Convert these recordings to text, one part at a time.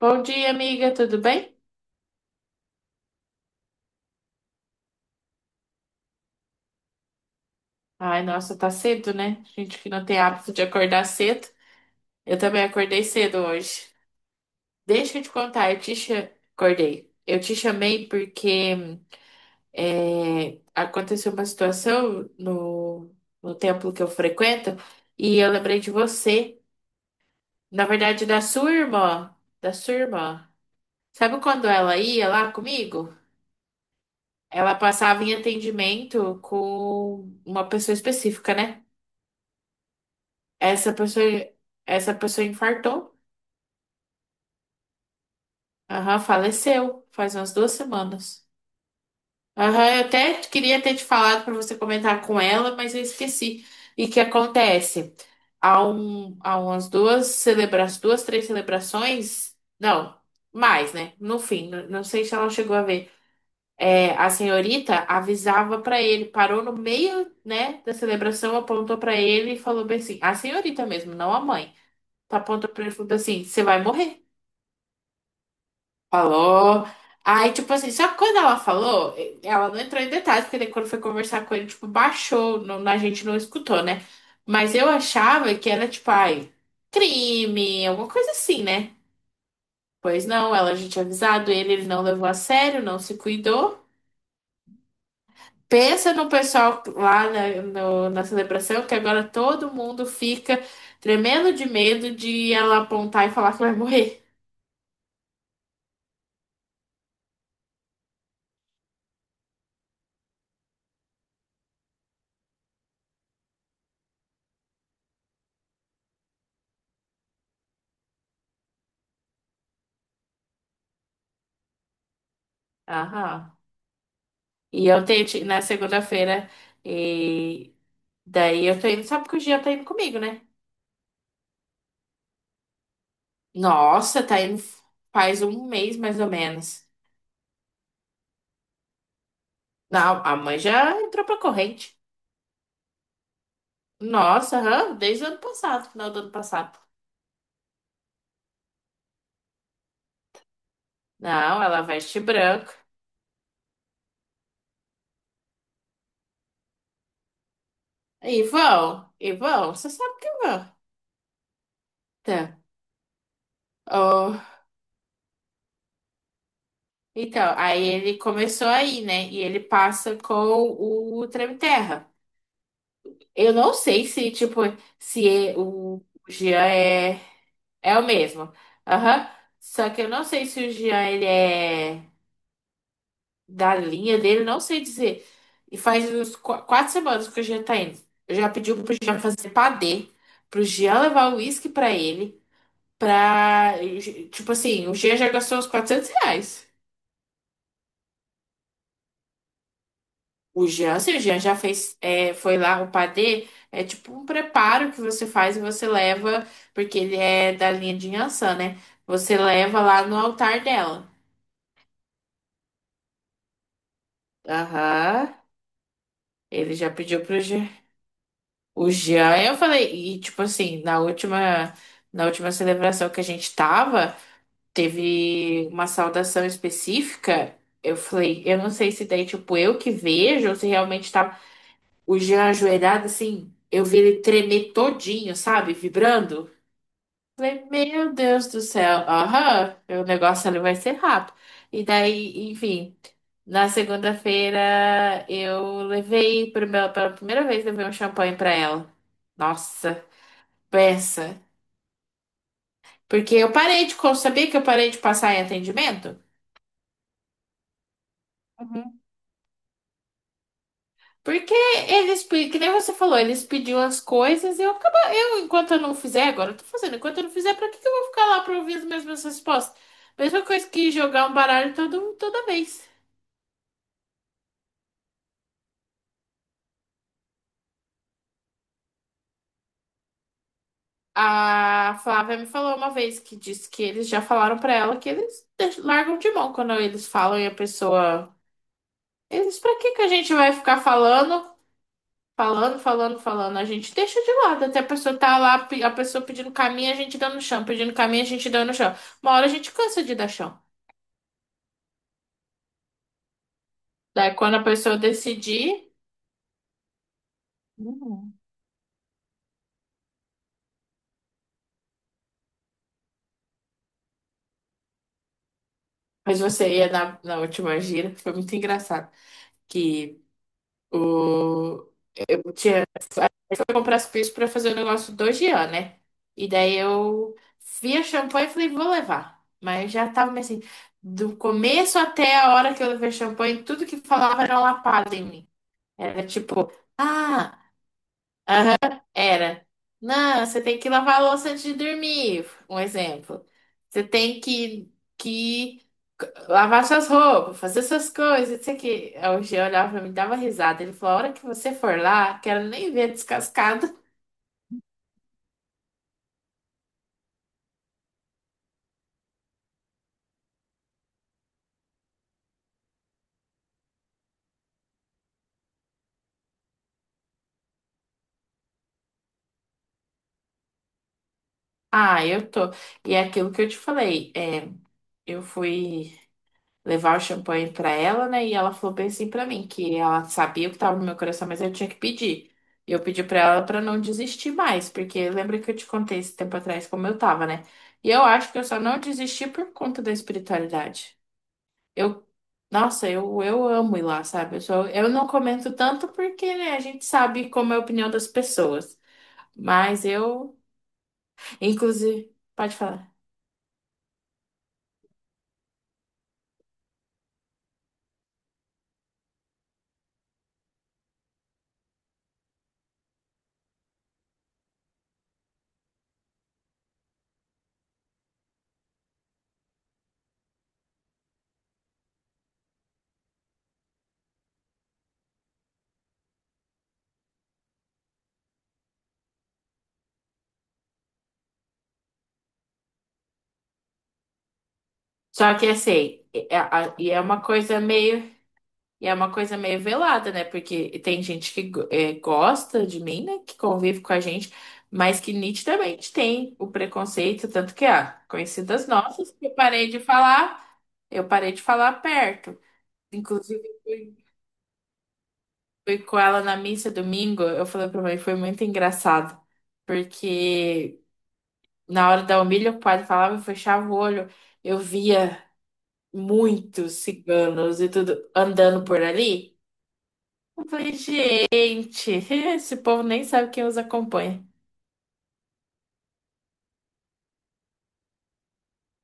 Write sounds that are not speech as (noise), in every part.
Bom dia, amiga, tudo bem? Ai, nossa, tá cedo, né? Gente que não tem hábito de acordar cedo. Eu também acordei cedo hoje. Deixa eu te contar, acordei. Eu te chamei porque aconteceu uma situação no templo que eu frequento e eu lembrei de você. Na verdade, da sua irmã. Da sua irmã. Sabe quando ela ia lá comigo? Ela passava em atendimento com uma pessoa específica, né? Essa pessoa, essa pessoa infartou. Aham, faleceu faz umas 2 semanas. Aham, eu até queria ter te falado para você comentar com ela, mas eu esqueci. E que acontece? Há umas duas celebrações, duas, três celebrações, não, mais, né? No fim, não sei se ela chegou a ver. É, a senhorita avisava para ele, parou no meio, né, da celebração, apontou para ele e falou bem assim: a senhorita mesmo, não a mãe. Tá. Apontou para ele e falou assim: você vai morrer. Falou. Aí, tipo assim, só que quando ela falou, ela não entrou em detalhes, porque daí quando foi conversar com ele, tipo, baixou, não, a gente não escutou, né? Mas eu achava que era, tipo, ai, crime, alguma coisa assim, né? Pois não, ela já tinha avisado ele, ele não levou a sério, não se cuidou. Pensa no pessoal lá na, na celebração, que agora todo mundo fica tremendo de medo de ela apontar e falar que vai morrer. Aham. E eu tentei, na segunda-feira. Daí eu tô indo, sabe que o Jean tá indo comigo, né? Nossa, tá indo faz um mês mais ou menos. Não, a mãe já entrou pra corrente. Nossa, aham, desde o ano passado, final do ano passado. Não, ela veste branco. E vão, você sabe que vão. Tá. Oh, então, aí ele começou aí, né? E ele passa com o Treme Terra. Eu não sei se, tipo, se é- o Jean é. É o mesmo. Aham. Só que eu não sei se o Jean, ele é da linha dele, não sei dizer. E faz uns quatro semanas que o Jean tá indo. Eu já pedi pro Jean fazer padê, pro Jean levar o uísque pra ele, pra... Tipo assim, o Jean já gastou uns R$ 400. O Jean, se o Jean já fez, é, foi lá o padê, é tipo um preparo que você faz e você leva, porque ele é da linha de Yansan, né? Você leva lá no altar dela. Aham. Ele já pediu pro Jean. O Jean, eu falei, e tipo assim, na última celebração que a gente tava, teve uma saudação específica. Eu falei, eu não sei se daí, tipo, eu que vejo, ou se realmente tava o Jean ajoelhado, assim, eu vi ele tremer todinho, sabe? Vibrando. Falei, meu Deus do céu, aham, o negócio ali vai ser rápido. E daí, enfim, na segunda-feira eu levei pro meu, pela primeira vez levei um champanhe pra ela. Nossa, peça. Porque eu parei de, sabia que eu parei de passar em atendimento? Uhum. Porque eles, que nem você falou, eles pediam as coisas e eu acabo, eu, enquanto eu não fizer, agora eu tô fazendo, enquanto eu não fizer, pra que que eu vou ficar lá pra ouvir as mesmas respostas? Mesma coisa que jogar um baralho todo, toda vez. A Flávia me falou uma vez que disse que eles já falaram pra ela que eles largam de mão quando eles falam e a pessoa. Eles, pra que que a gente vai ficar falando, falando, falando, falando? A gente deixa de lado até a pessoa tá lá, a pessoa pedindo caminho, a gente dando chão, pedindo caminho, a gente dando chão. Uma hora a gente cansa de dar chão. Daí quando a pessoa decidir. Uhum. Mas você ia na, na última gira, foi muito engraçado. Que o, eu tinha fui comprar as coisas pra fazer o negócio do Jean, né? E daí eu vi a champanhe e falei, vou levar. Mas já tava meio assim, do começo até a hora que eu levei champanhe, tudo que falava era uma lapada em mim. Era tipo, ah, era. Não, você tem que lavar a louça antes de dormir, um exemplo. Você tem que lavar suas roupas, fazer suas coisas, isso aqui. Aí o Jean olhava pra mim, dava risada. Ele falou, a hora que você for lá, quero nem ver descascado. Ah, eu tô. E é aquilo que eu te falei, é, eu fui levar o champanhe pra ela, né? E ela falou bem assim pra mim, que ela sabia o que tava no meu coração, mas eu tinha que pedir. E eu pedi pra ela pra não desistir mais, porque lembra que eu te contei esse tempo atrás como eu tava, né? E eu acho que eu só não desisti por conta da espiritualidade. Eu, nossa, eu amo ir lá, sabe? Eu sou, eu não comento tanto porque, né, a gente sabe como é a opinião das pessoas. Mas eu, inclusive, pode falar. Só que assim, e é uma coisa meio velada, né? Porque tem gente que é, gosta de mim, né? Que convive com a gente, mas que nitidamente tem o preconceito, tanto que, ah, conhecidas nossas, que eu parei de falar, eu parei de falar perto. Inclusive, fui com ela na missa domingo, eu falei pra mãe, foi muito engraçado, porque na hora da humilha o padre falava, eu fechava o olho, eu via muitos ciganos e tudo andando por ali. Eu falei, gente, (laughs) esse povo nem sabe quem os acompanha.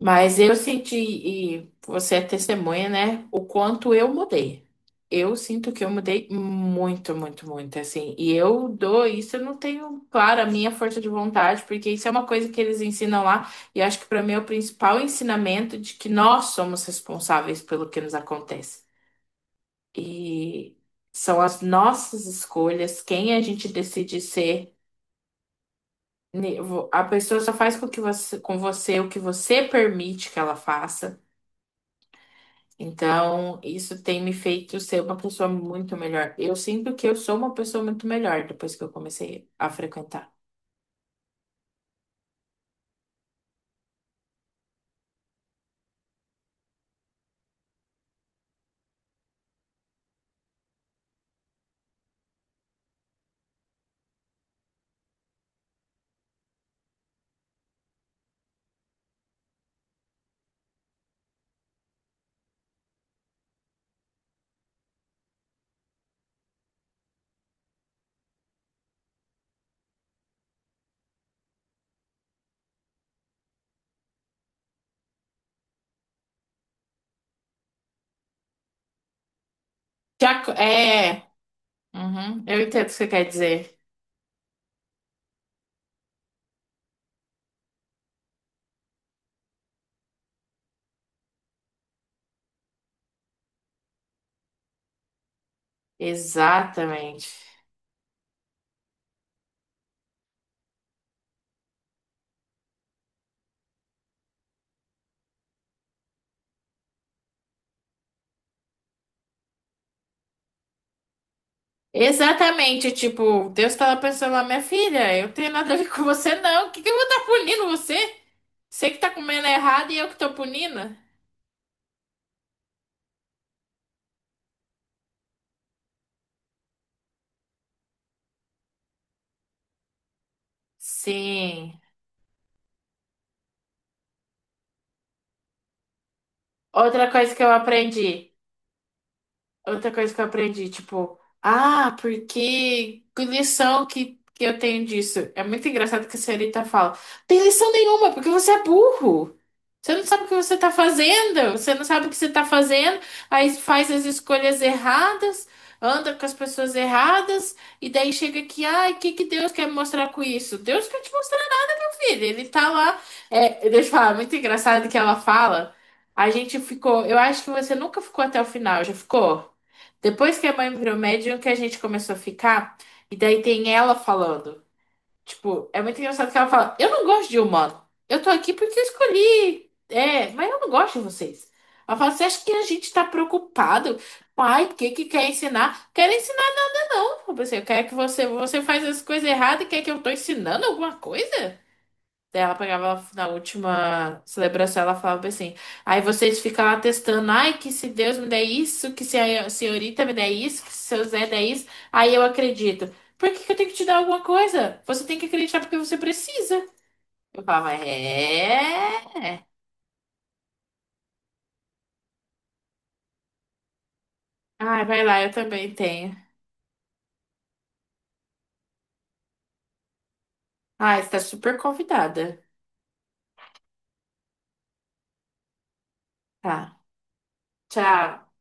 Mas eu senti, e você é testemunha, né? O quanto eu mudei. Eu sinto que eu mudei muito, muito, muito, assim. E eu dou isso, eu não tenho, claro, a minha força de vontade, porque isso é uma coisa que eles ensinam lá. E acho que para mim é o principal ensinamento de que nós somos responsáveis pelo que nos acontece. E são as nossas escolhas, quem a gente decide ser. A pessoa só faz com que você, com você o que você permite que ela faça. Então, isso tem me feito ser uma pessoa muito melhor. Eu sinto que eu sou uma pessoa muito melhor depois que eu comecei a frequentar. Já é, uhum, eu entendo o que você quer dizer. Exatamente. Exatamente, tipo, Deus tava pensando lá, minha filha, eu tenho nada a ver com você, não. O que que eu vou estar punindo você? Você que tá comendo errado e eu que tô punindo? Sim. Outra coisa que eu aprendi. Outra coisa que eu aprendi, tipo, ah, porque que lição que eu tenho disso? É muito engraçado que a senhorita fala, tem lição nenhuma, porque você é burro. Você não sabe o que você tá fazendo, aí faz as escolhas erradas, anda com as pessoas erradas, e daí chega aqui, ai, o que que Deus quer me mostrar com isso? Deus quer te mostrar filho, ele tá lá. É, deixa eu falar, muito engraçado que ela fala. A gente ficou. Eu acho que você nunca ficou até o final, já ficou? Depois que a mãe virou médium, que a gente começou a ficar. E daí tem ela falando. Tipo, é muito engraçado que ela fala: eu não gosto de humano. Eu tô aqui porque eu escolhi. É, mas eu não gosto de vocês. Ela fala: você acha que a gente tá preocupado? Ai, o que que quer ensinar? Quero ensinar nada, não. Eu pensei, eu quero que você, você faz as coisas erradas e quer que eu tô ensinando alguma coisa? Daí ela pegava na última celebração, ela falava bem assim. Aí vocês ficam lá testando, ai, que se Deus me der isso, que se a senhorita me der isso, que se seu Zé der isso, aí eu acredito. Por que que eu tenho que te dar alguma coisa? Você tem que acreditar porque você precisa. Eu falava, é. Ai, vai lá, eu também tenho. Ai, você tá super convidada. Tá. Tchau.